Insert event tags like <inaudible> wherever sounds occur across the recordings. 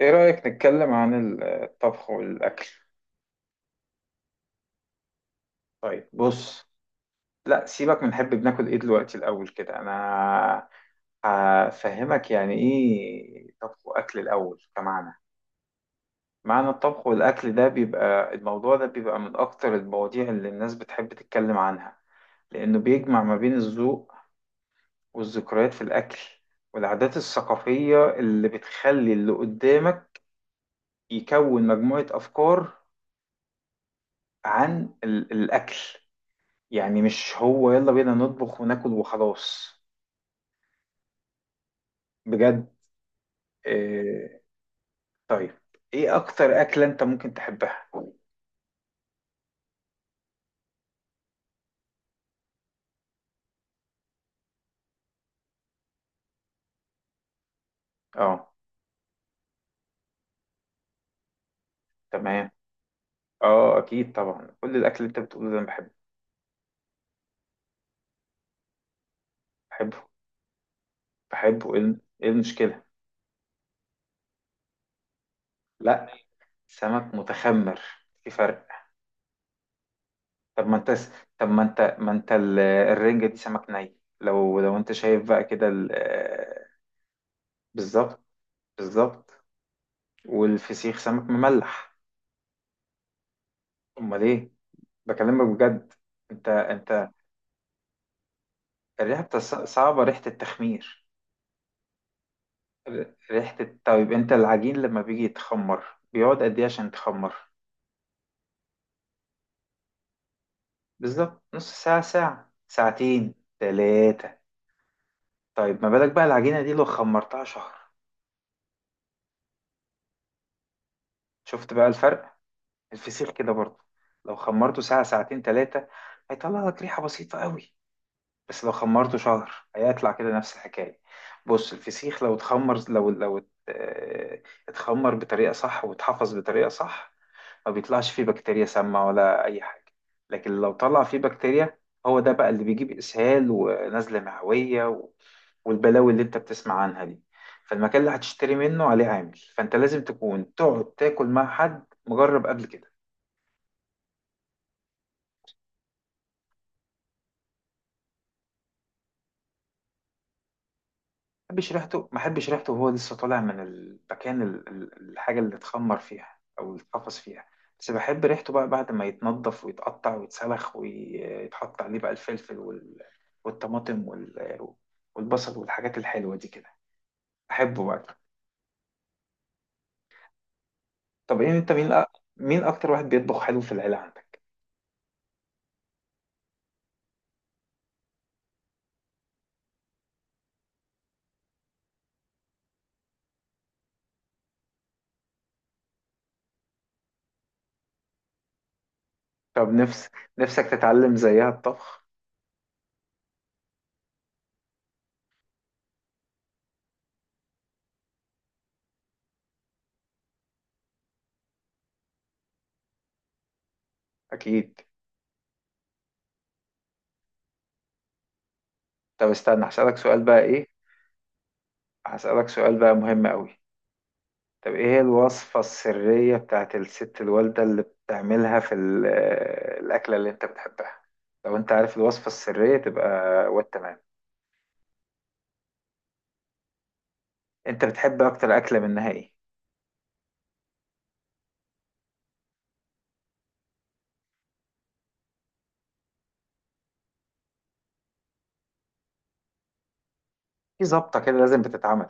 ايه رأيك نتكلم عن الطبخ والأكل؟ طيب، بص. لا، سيبك من نحب بناكل ايه دلوقتي، الأول كده انا هفهمك يعني ايه طبخ وأكل الأول كمعنى. معنى الطبخ والأكل ده بيبقى، الموضوع ده بيبقى من أكتر المواضيع اللي الناس بتحب تتكلم عنها، لأنه بيجمع ما بين الذوق والذكريات في الأكل والعادات الثقافية اللي بتخلي اللي قدامك يكون مجموعة أفكار عن الأكل. يعني مش هو يلا بينا نطبخ وناكل وخلاص. بجد. إيه. طيب، ايه اكتر اكلة انت ممكن تحبها؟ اه، تمام. اه اكيد طبعا كل الاكل اللي انت بتقوله ده انا بحبه. بحبه، بحبه، ايه إيه المشكلة؟ لا، سمك متخمر، في فرق. طب ما انت س... طب ما انت الرنجة دي سمك ني، لو انت شايف بقى كده بالظبط، بالظبط. والفسيخ سمك مملح. امال ايه. بكلمك بجد. انت، انت صعبة، ريحة التخمير. طيب، انت العجين لما بيجي يتخمر بيقعد قد ايه عشان يتخمر؟ بالظبط نص ساعة، ساعة، ساعتين، تلاتة. طيب ما بالك بقى العجينة دي لو خمرتها شهر؟ شفت بقى الفرق؟ الفسيخ كده برضه، لو خمرته ساعة، ساعتين، تلاتة هيطلع لك ريحة بسيطة قوي. بس لو خمرته شهر هيطلع كده نفس الحكاية. بص، الفسيخ لو اتخمر، لو لو ات- اه، اتخمر بطريقة صح واتحفظ بطريقة صح ما بيطلعش فيه بكتيريا سامة ولا أي حاجة. لكن لو طلع فيه بكتيريا، هو ده بقى اللي بيجيب إسهال ونزلة معوية والبلاوي اللي أنت بتسمع عنها دي. فالمكان اللي هتشتري منه عليه عامل، فأنت لازم تكون تقعد تاكل مع حد مجرب قبل كده. بحبش ريحته، ما بحبش ريحته وهو لسه طالع من المكان الحاجة اللي اتخمر فيها أو اللي اتقفص فيها. بس بحب ريحته بقى بعد ما يتنضف ويتقطع ويتسلخ ويتحط عليه بقى الفلفل والطماطم والبصل والحاجات الحلوة دي كده. أحبه بقى. طب إيه، أنت مين أكتر واحد بيطبخ حلو في العيلة عندك؟ طب، نفسك تتعلم زيها الطبخ؟ أكيد. طب استنى، هسألك سؤال بقى، إيه؟ هسألك سؤال بقى مهم أوي. طب ايه هي الوصفة السرية بتاعت الست الوالدة اللي بتعملها في الأكلة اللي انت بتحبها؟ لو انت عارف الوصفة السرية تبقى والتمام. انت بتحب اكتر أكلة منها ايه؟ في ظبطة كده لازم بتتعمل.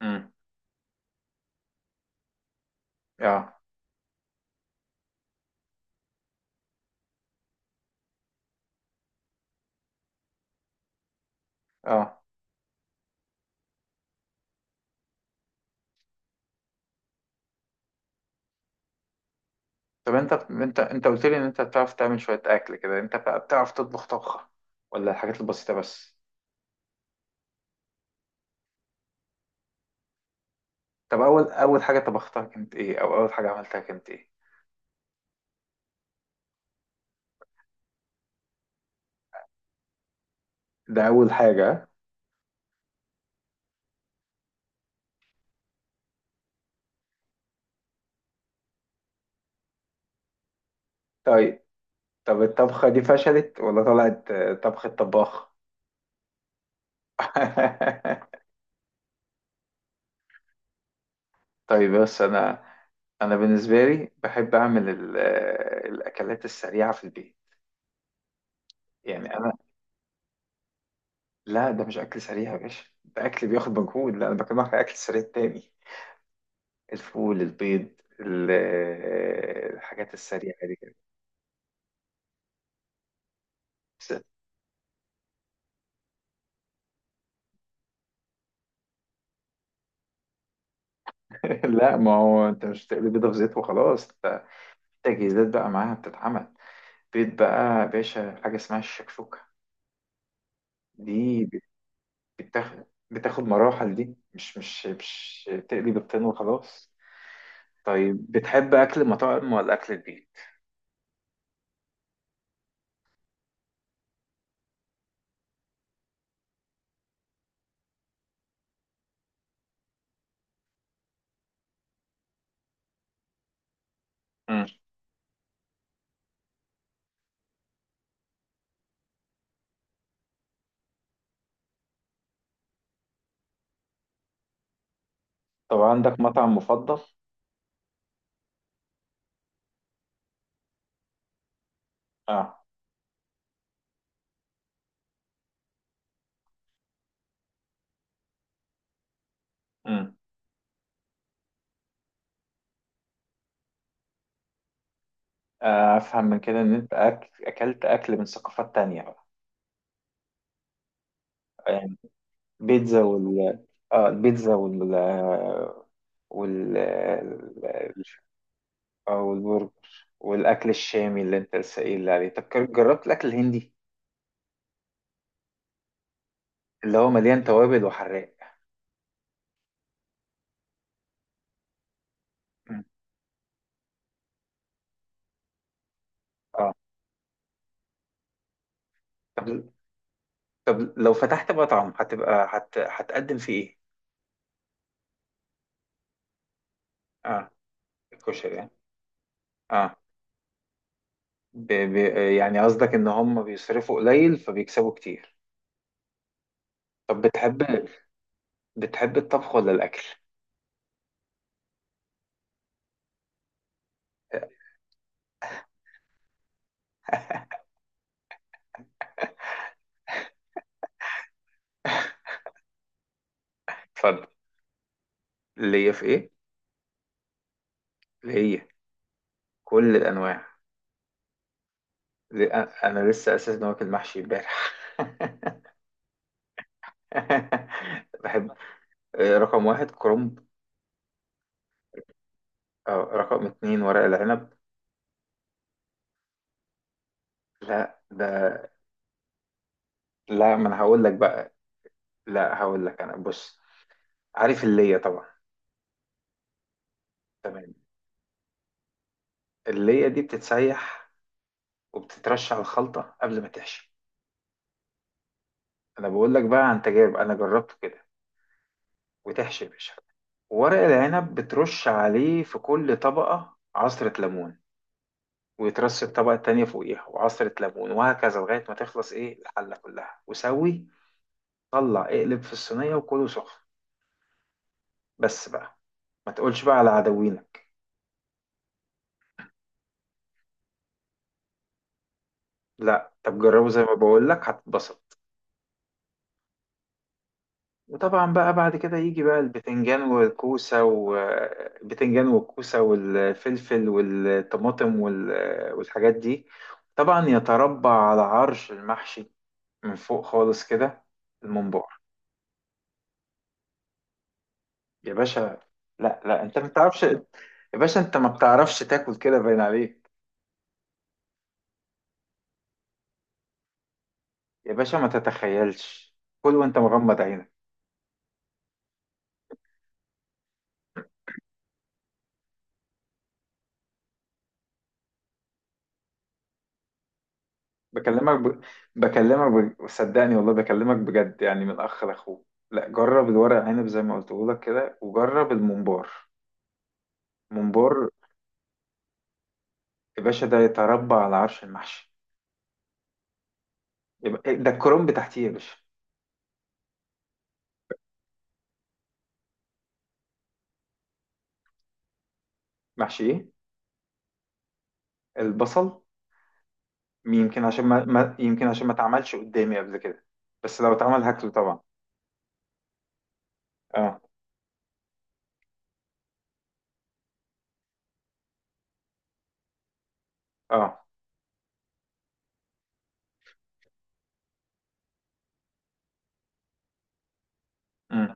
امم. اه. اه. طب انت قلت لي ان انت بتعرف تعمل شوية اكل كده، انت بقى بتعرف تطبخ طبخة ولا الحاجات البسيطة بس؟ طب، اول حاجة طبختها كانت ايه، او اول حاجة عملتها كانت ايه؟ ده اول حاجة. طيب. طب الطبخة دي فشلت ولا طلعت طبخة طباخ؟ <laughs> طيب، بس أنا، أنا بالنسبة لي بحب أعمل الأكلات السريعة في البيت. يعني أنا. لا، ده مش أكل سريع يا باشا، ده أكل بياخد مجهود. لا، أنا بكلمك على أكل سريع تاني: الفول، البيض، الحاجات السريعة دي كده. بس- <laughs> لا، ما هو أنت مش بتقلي بيضة في زيت وخلاص. ده في تجهيزات بقى معاها بتتعمل. بيض بقى يا باشا، حاجة اسمها الشكشوكة دي بتاخد بتاخد مراحل. دي مش تقلي بيضتين وخلاص. طيب، بتحب أكل المطاعم ولا أكل البيت؟ مم. طب عندك مطعم مفضل؟ اه. مم. أفهم من كده إن أنت أكلت أكل من ثقافات تانية بقى؟ يعني بيتزا وال، اه البيتزا وال، وال، والبرجر والأكل الشامي اللي أنت لسه قايل لي عليه. طب جربت الأكل الهندي اللي هو مليان توابل وحراق؟ مم. اه. طب طب لو فتحت مطعم هتبقى، هتقدم فيه ايه؟ اه، الكشري يعني. اه. ب... ب... يعني قصدك ان هم بيصرفوا قليل فبيكسبوا كتير. طب بتحب الطبخ ولا الاكل؟ اتفضل. اللي هي في ايه؟ اللي هي كل الانواع. ل- انا لسه اساسا واكل محشي امبارح. <laughs> بحب رقم واحد كرنب، رقم اتنين ورق العنب. لا ده، لا ما انا هقول لك بقى، لا هقول لك، انا بص. عارف اللي هي طبعا. تمام. اللية دي بتتسيح وبتترش على الخلطة قبل ما تحشي. أنا بقول لك بقى عن تجارب، أنا جربته كده. وتحشي يا باشا ورق العنب، بترش عليه في كل طبقة عصرة ليمون، ويترش الطبقة التانية فوقيها وعصرة ليمون، وهكذا لغاية ما تخلص إيه الحلة كلها وسوي طلع اقلب في الصينية وكله سخن. بس بقى، ما تقولش بقى على عدوينك. لا، طب جربه زي ما بقول لك هتتبسط. وطبعا بقى بعد كده يجي بقى البتنجان والكوسة والبتنجان والكوسة والفلفل والطماطم والحاجات دي. طبعا يتربع على عرش المحشي من فوق خالص كده، الممبار. يا باشا، لا، لا، انت ما بتعرفش يا باشا، انت ما بتعرفش تاكل كده باين عليك. يا باشا ما تتخيلش، كل وانت مغمض عينك. بكلمك ب... صدقني، والله بكلمك بجد يعني، من اخ لاخوه. لا جرب الورق عنب زي ما قلت لك كده، وجرب الممبار. ممبار يا باشا، ده يتربى على عرش المحشي. يبقى ده الكرنب تحتيه يا باشا. محشي ايه؟ البصل. يمكن عشان ما, ما... يمكن عشان ما اتعملش قدامي قبل كده. بس لو اتعمل هاكله طبعا. اه. اه. مم.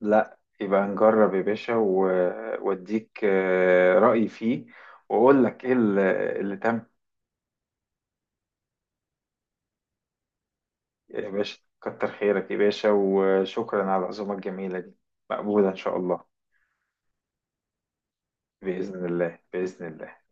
لا يبقى نجرب يا باشا واديك رأيي فيه. واقول لك ايه اللي، اللي تم. يا باشا كتر خيرك يا باشا، وشكرا على العزومة الجميلة دي، مقبولة إن شاء الله. بإذن الله، بإذن الله.